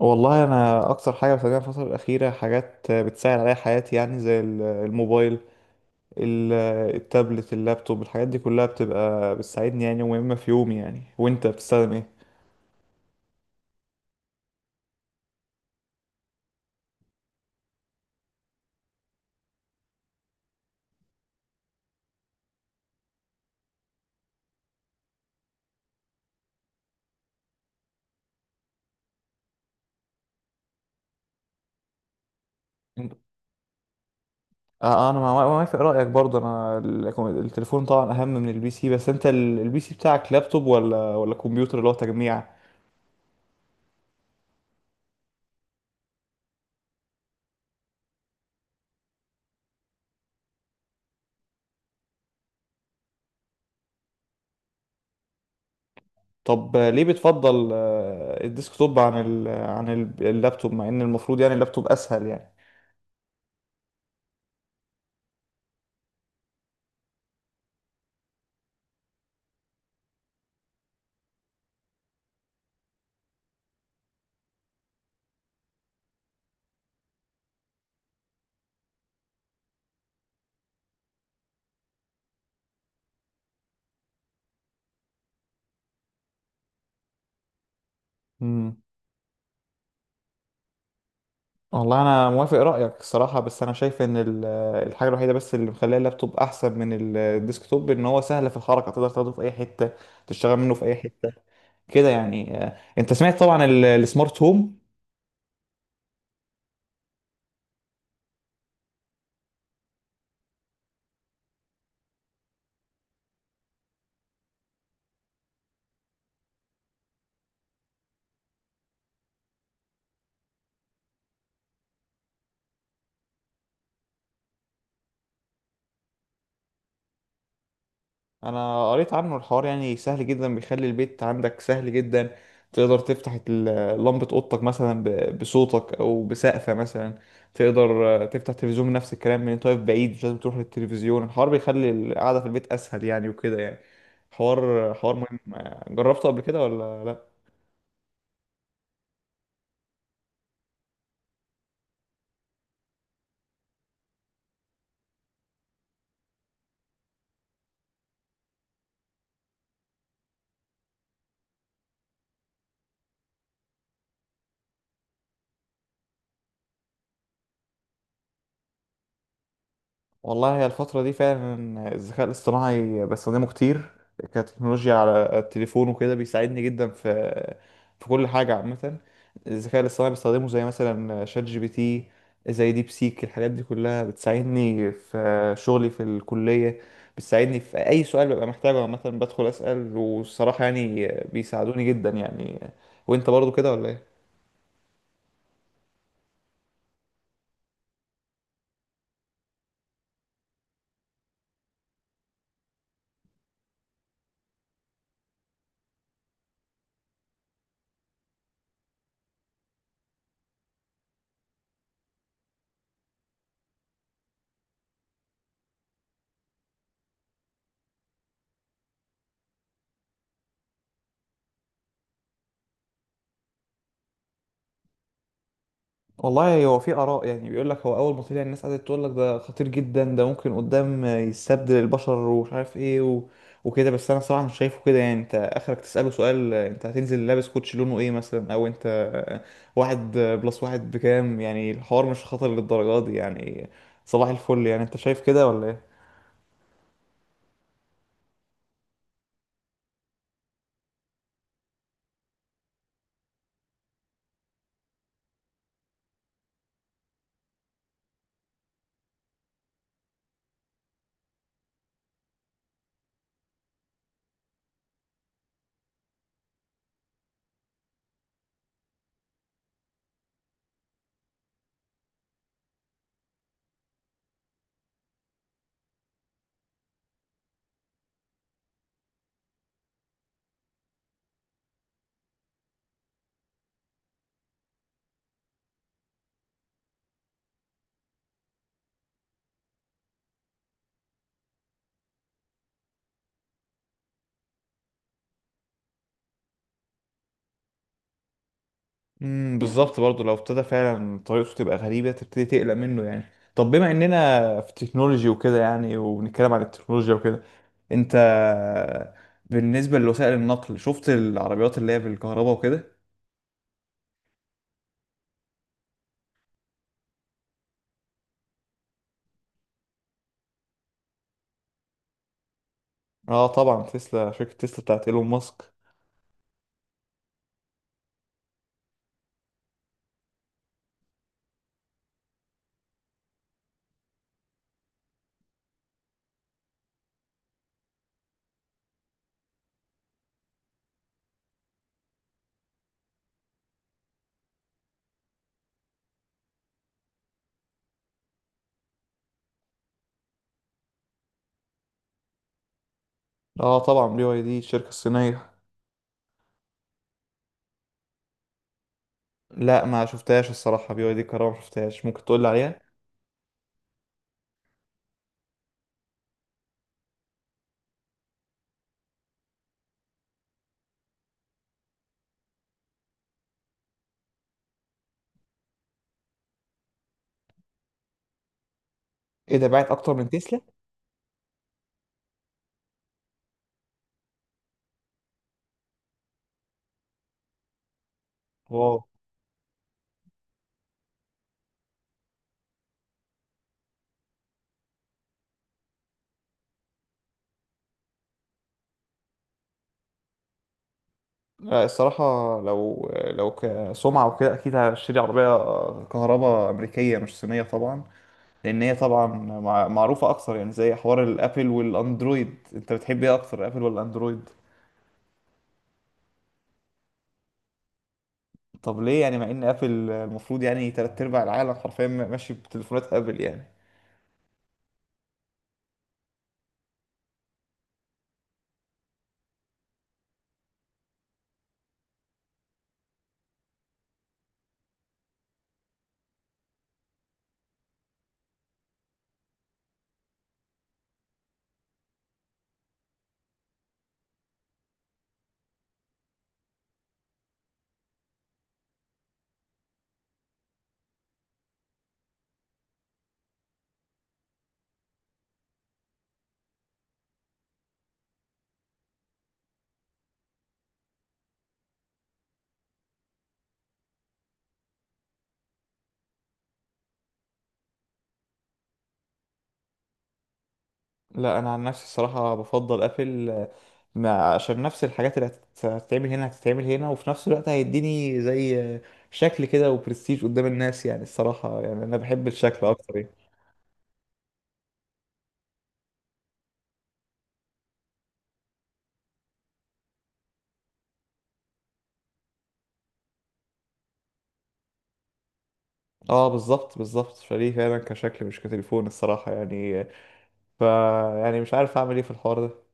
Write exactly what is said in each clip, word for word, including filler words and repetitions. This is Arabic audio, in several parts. والله انا اكتر حاجه بستخدمها الفتره الاخيره حاجات بتسهل عليا حياتي يعني زي ال- الموبايل، ال- التابلت، اللابتوب، الحاجات دي كلها بتبقى بتساعدني يعني ومهمه في يومي يعني. وانت بتستخدم ايه؟ انت- آه، انا مع- موافق رايك برضه. انا ال- التليفون طبعا اهم من البي سي، بس انت ال- البي سي بتاعك لابتوب ولا ولا كمبيوتر اللي هو تجميع؟ طب آه، ليه بتفضل آه، الديسكتوب عن ال عن ال- اللابتوب، مع ان المفروض يعني اللابتوب اسهل يعني؟ والله انا موافق رايك الصراحه، بس انا شايف ان ال- الحاجه الوحيده بس اللي مخليه اللابتوب احسن من الديسكتوب ان هو سهل في الحركه، تقدر تاخده في اي حته، تشتغل منه في اي حته كده يعني. آه، انت سمعت طبعا ال- السمارت هوم؟ انا قريت عنه، الحوار يعني سهل جدا، بيخلي البيت عندك سهل جدا. تقدر تفتح ال- لمبة اوضتك مثلا ب- بصوتك او بسقفة مثلا. تقدر آه، تفتح تلفزيون نفس الكلام من انت واقف بعيد، مش لازم تروح للتلفزيون. الحوار بيخلي القعدة في البيت اسهل يعني وكده يعني. حوار حوار مهم، آه، جربته قبل كده ولا لا؟ والله هي الفترة دي فعلا الذكاء الاصطناعي بستخدمه كتير كتكنولوجيا على التليفون وكده، بيساعدني جدا في في كل حاجة عامة. الذكاء الاصطناعي بستخدمه زي مثلا شات جي بي تي، زي ديب سيك، الحاجات دي كلها بتساعدني في شغلي في الكلية، بتساعدني في أي سؤال ببقى محتاجه عامة، بدخل أسأل والصراحة يعني بيساعدوني جدا يعني. وأنت برضو كده ولا إيه؟ والله هو في آراء يعني، بيقول لك هو أول ما طلع الناس قعدت تقول لك ده خطير جدا، ده ممكن قدام يستبدل البشر ومش عارف إيه و... وكده. بس أنا صراحة مش شايفه كده يعني. أنت آخرك تسأله سؤال، أنت هتنزل لابس كوتش لونه إيه مثلا، أو أنت واحد بلس واحد بكام، يعني الحوار مش خطر للدرجة دي يعني. صباح الفل يعني. أنت شايف كده ولا إيه؟ امم بالظبط برضه، لو ابتدى فعلا طريقته تبقى غريبة تبتدي تقلق منه يعني. طب بما اننا في تكنولوجي وكده يعني، وبنتكلم عن التكنولوجيا وكده، انت بالنسبة لوسائل النقل شفت العربيات اللي هي بالكهرباء وكده؟ اه طبعا تسلا، شركة تسلا بتاعت ايلون ماسك. اه طبعا، بي واي دي الشركة الصينية. لا ما شفتهاش الصراحة، بي واي دي كهرباء ما شفتهاش، ممكن تقول لي عليها. ايه ده، باعت اكتر من تسلا؟ لا الصراحة، لو لو كسمعة وكده أكيد هشتري عربية كهرباء أمريكية، مش صينية طبعا، لأن هي طبعا مع- معروفة أكثر يعني. زي حوار الأبل والأندرويد، أنت بتحب إيه أكتر أبل ولا أندرويد؟ طب ليه يعني، مع إن أبل المفروض يعني تلات أرباع العالم حرفيا ماشي بتليفونات أبل يعني؟ لا أنا عن نفسي الصراحة بفضل أبل، مع عشان نفس الحاجات اللي هتت- هتتعمل هنا هتتعمل هنا، وفي نفس الوقت هيديني زي شكل كده وبرستيج قدام الناس يعني. الصراحة يعني أنا بحب الشكل أكتر يعني. اه بالظبط بالظبط، فليه فعلا كشكل مش كتليفون الصراحة يعني. فا يعني مش عارف اعمل ايه في الحوار ده.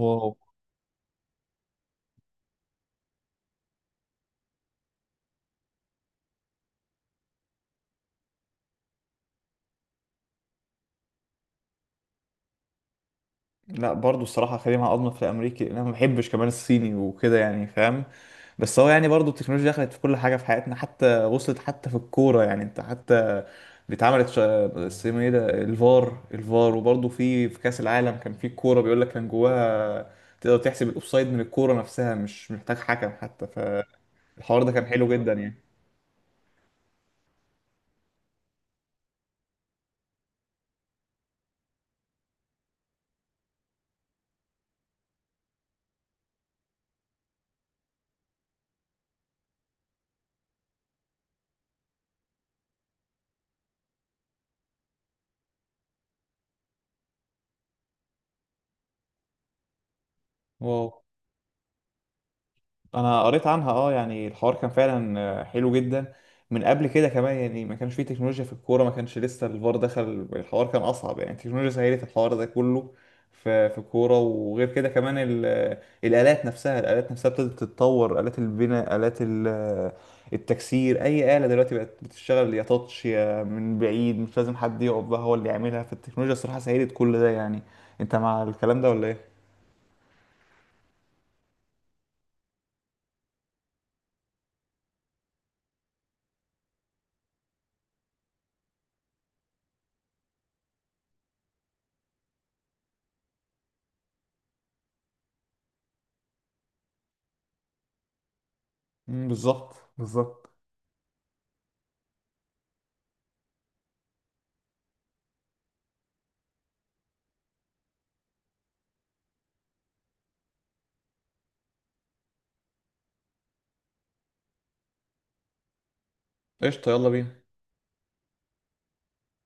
واو. لا برضو الصراحة خلينا مع أضمن في الأمريكي، لأن أنا ما بحبش كمان الصيني وكده يعني، فاهم؟ بس هو يعني برضو التكنولوجيا دخلت في كل حاجة في حياتنا، حتى وصلت حتى في الكورة يعني. أنت حتى اتعملت شا- اسمه إيه ده، الفار، الفار. وبرضو في في كأس العالم كان في كورة بيقول لك كان جواها، تقدر تحسب الأوفسايد من الكورة نفسها، مش محتاج حكم حتى. فالحوار ده كان حلو جدا يعني. واو، انا قريت عنها اه، يعني الحوار كان فعلا آه، حلو جدا. من قبل كده كمان يعني ما كانش فيه تكنولوجيا في الكوره، ما كانش لسه الفار دخل، الحوار كان اصعب يعني. التكنولوجيا سهلت الحوار ده كله في في الكوره. وغير كده كمان ال- آه، الالات نفسها، الالات نفسها ابتدت تتطور، الات البناء، الات ال- آه، التكسير، اي اله دلوقتي بقت بتشتغل يا تاتش يا من بعيد، مش لازم حد يقف بقى هو اللي يعملها. فالتكنولوجيا الصراحه سهلت كل ده يعني. انت مع الكلام ده ولا ايه؟ مم، بالظبط بالظبط. قشطه، يلا بينا.